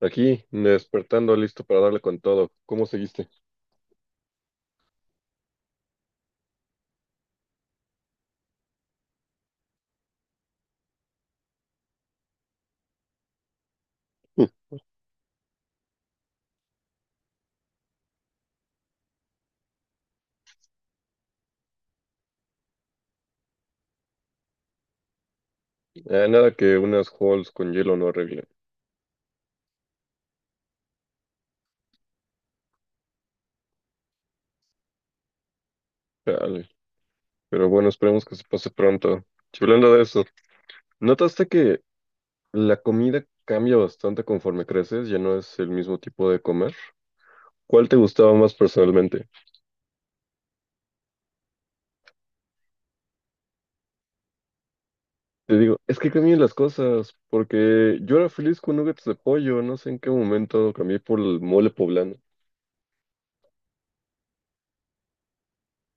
Aquí, despertando, listo para darle con todo. ¿Cómo seguiste? Ah, nada que unas halls con hielo no arregle. Chale. Pero bueno, esperemos que se pase pronto. Y hablando de eso, ¿notaste que la comida cambia bastante conforme creces? Ya no es el mismo tipo de comer. ¿Cuál te gustaba más personalmente? Te digo, es que cambian las cosas, porque yo era feliz con nuggets de pollo, no sé en qué momento cambié por el mole poblano.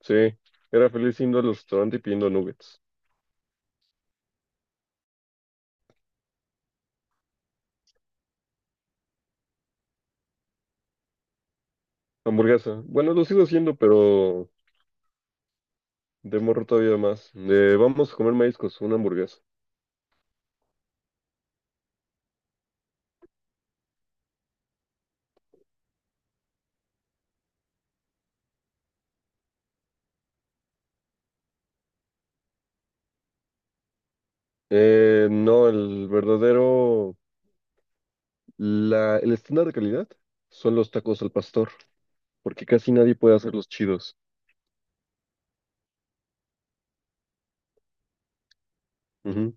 Sí, era feliz yendo al restaurante y pidiendo nuggets. Hamburguesa. Bueno, lo sigo haciendo, pero. De morro todavía más. De, vamos a comer mariscos, una hamburguesa. No, el verdadero, el estándar de calidad son los tacos al pastor, porque casi nadie puede hacer los chidos. Ujú.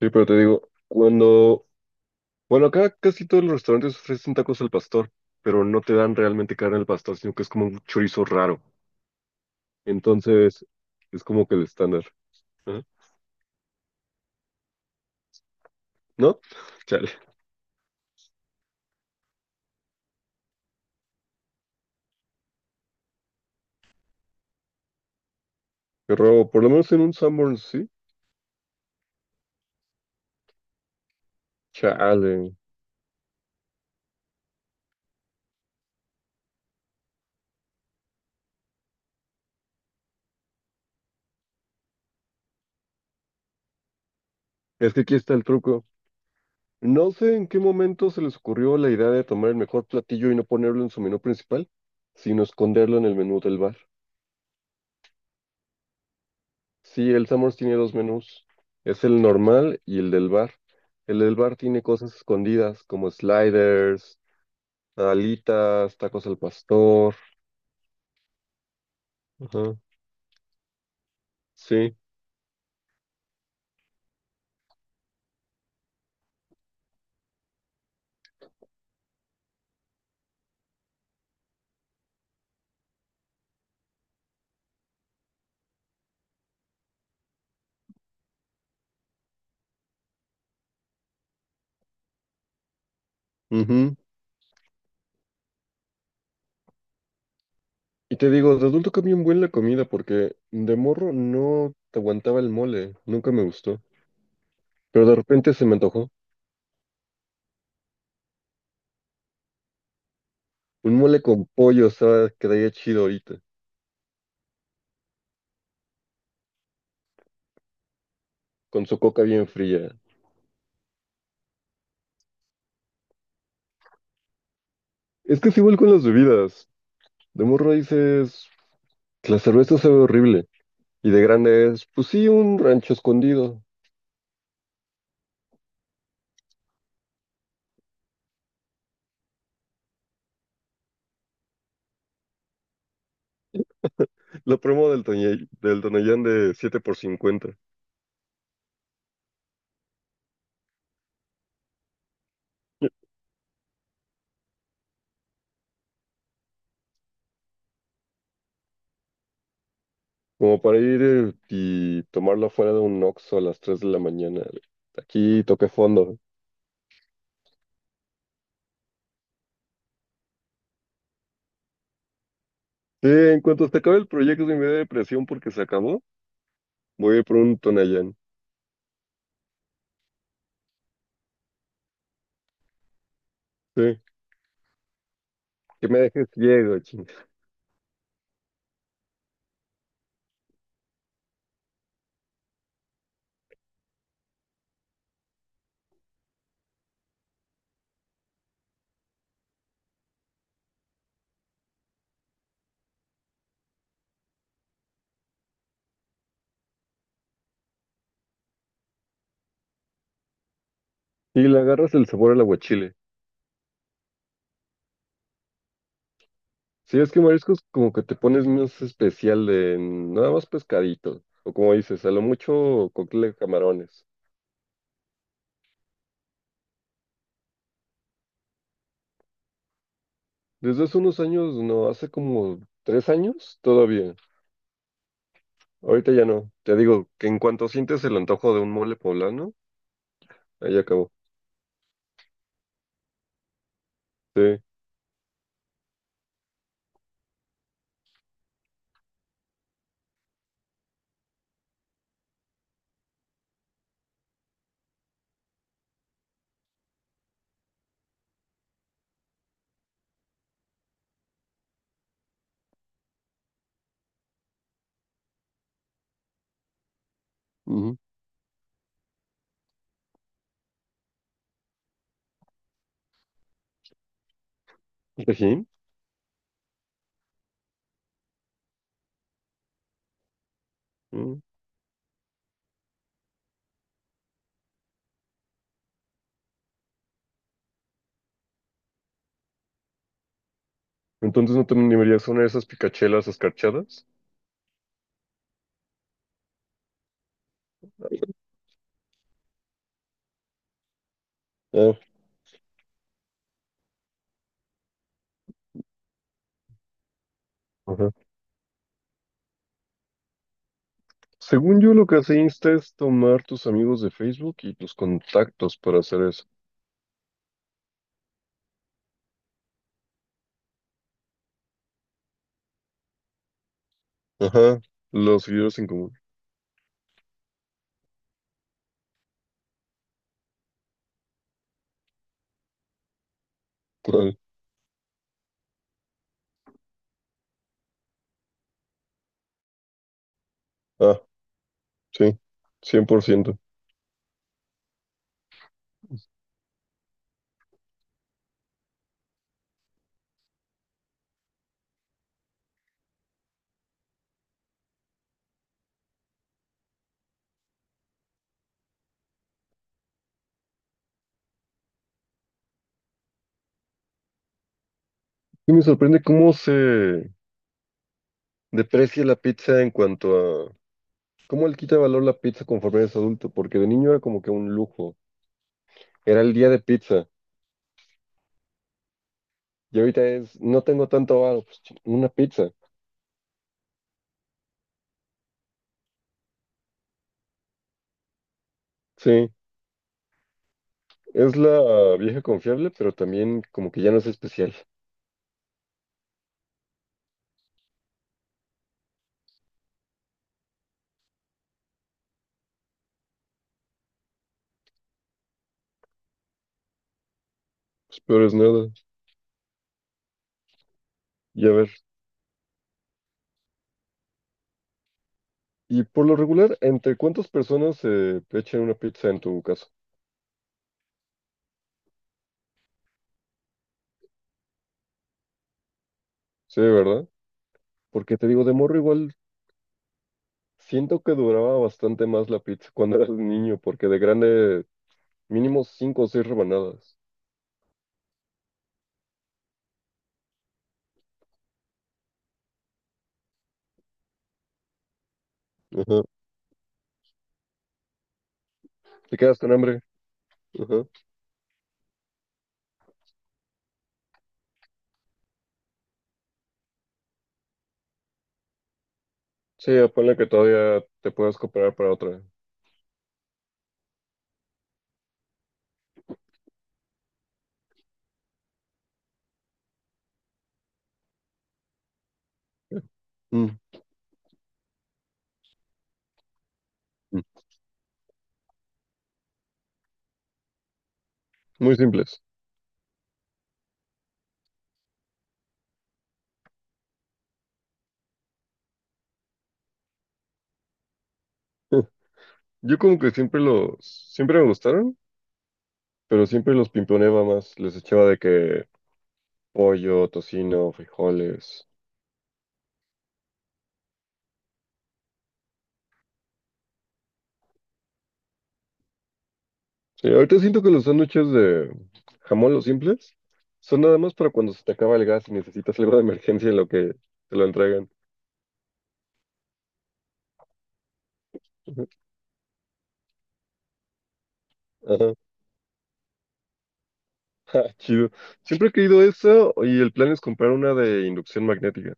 Sí, pero te digo, acá casi todos los restaurantes ofrecen tacos al pastor, pero no te dan realmente carne al pastor, sino que es como un chorizo raro. Entonces, es como que el estándar. Ajá. ¿No? Chale. Pero por lo menos en un Sanborns, sí. Chale. Es que aquí está el truco. No sé en qué momento se les ocurrió la idea de tomar el mejor platillo y no ponerlo en su menú principal, sino esconderlo en el menú del bar. Sí, el Summers tiene dos menús, es el normal y el del bar. El del bar tiene cosas escondidas como sliders, alitas, tacos al pastor. Ajá, sí. Ujú. Y te digo, de adulto cambió un buen la comida porque de morro no te aguantaba el mole, nunca me gustó. Pero de repente se me antojó. Un mole con pollo, o sea, quedaría chido ahorita. Con su coca bien fría. Es que es igual con las bebidas. De morro dices, la cerveza sabe horrible. Y de grande es, pues sí, un rancho escondido. La promo del Tonayán de 7 por 50. Como para ir y tomarla fuera de un Oxxo a las 3 de la mañana. Aquí toque fondo. Sí, en cuanto se acabe el proyecto y me dé depresión porque se acabó, voy a ir por un Tonayán. Sí, que me dejes ciego, ching. Y le agarras el sabor al aguachile. Sí, es que mariscos como que te pones más especial de nada más pescadito, o como dices, a lo mucho cóctel de camarones. Desde hace unos años, no, hace como 3 años, todavía. Ahorita ya no. Te digo que en cuanto sientes el antojo de un mole poblano, ahí acabó. Sí. Ujú. Tajín. Ujú. Entonces no te animarías a una de esas picachelas escarchadas. Ah, ajá. Según yo, lo que hace Insta es tomar tus amigos de Facebook y tus contactos para hacer eso. Ajá. Los seguidores en común. Ah, sí, 100%. Y me sorprende cómo se deprecia la pizza en cuanto a cómo le quita valor la pizza conforme eres adulto, porque de niño era como que un lujo, era el día de pizza, y ahorita es, no tengo tanto valor, pues ching, una pizza. Sí, es la vieja confiable, pero también como que ya no es especial. Pues peor es nada. Y a ver, y por lo regular, ¿entre cuántas personas se echan una pizza en tu caso? Sí, ¿verdad? Porque te digo, de morro igual siento que duraba bastante más la pizza cuando eras niño, porque de grande mínimo 5 o 6 rebanadas. Ajá. Te quedas con hambre. Ajá. Sí, ponle que todavía te puedes comprar para otra. Mm, mm. Muy simples. Yo como que siempre me gustaron, pero siempre los pimponeaba más. Les echaba de que pollo, tocino, frijoles. Sí, ahorita siento que los sándwiches de jamón, los simples, son nada más para cuando se te acaba el gas y necesitas algo de emergencia en lo que te lo entregan. Ajá. Ah, chido. Siempre he querido eso y el plan es comprar una de inducción magnética.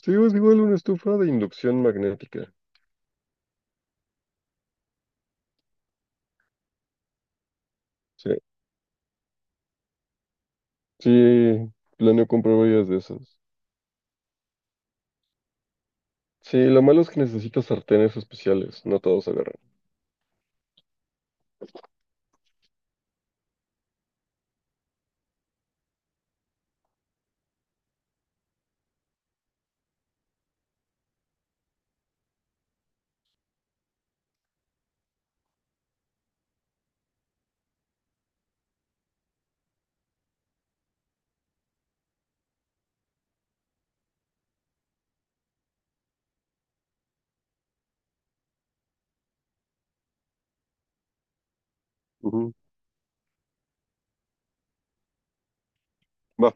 Sí, es igual una estufa de inducción magnética. Sí, sí, planeo comprar varias de esas. Sí, lo malo es que necesitas sartenes especiales, no todos agarran. Ujú. Va.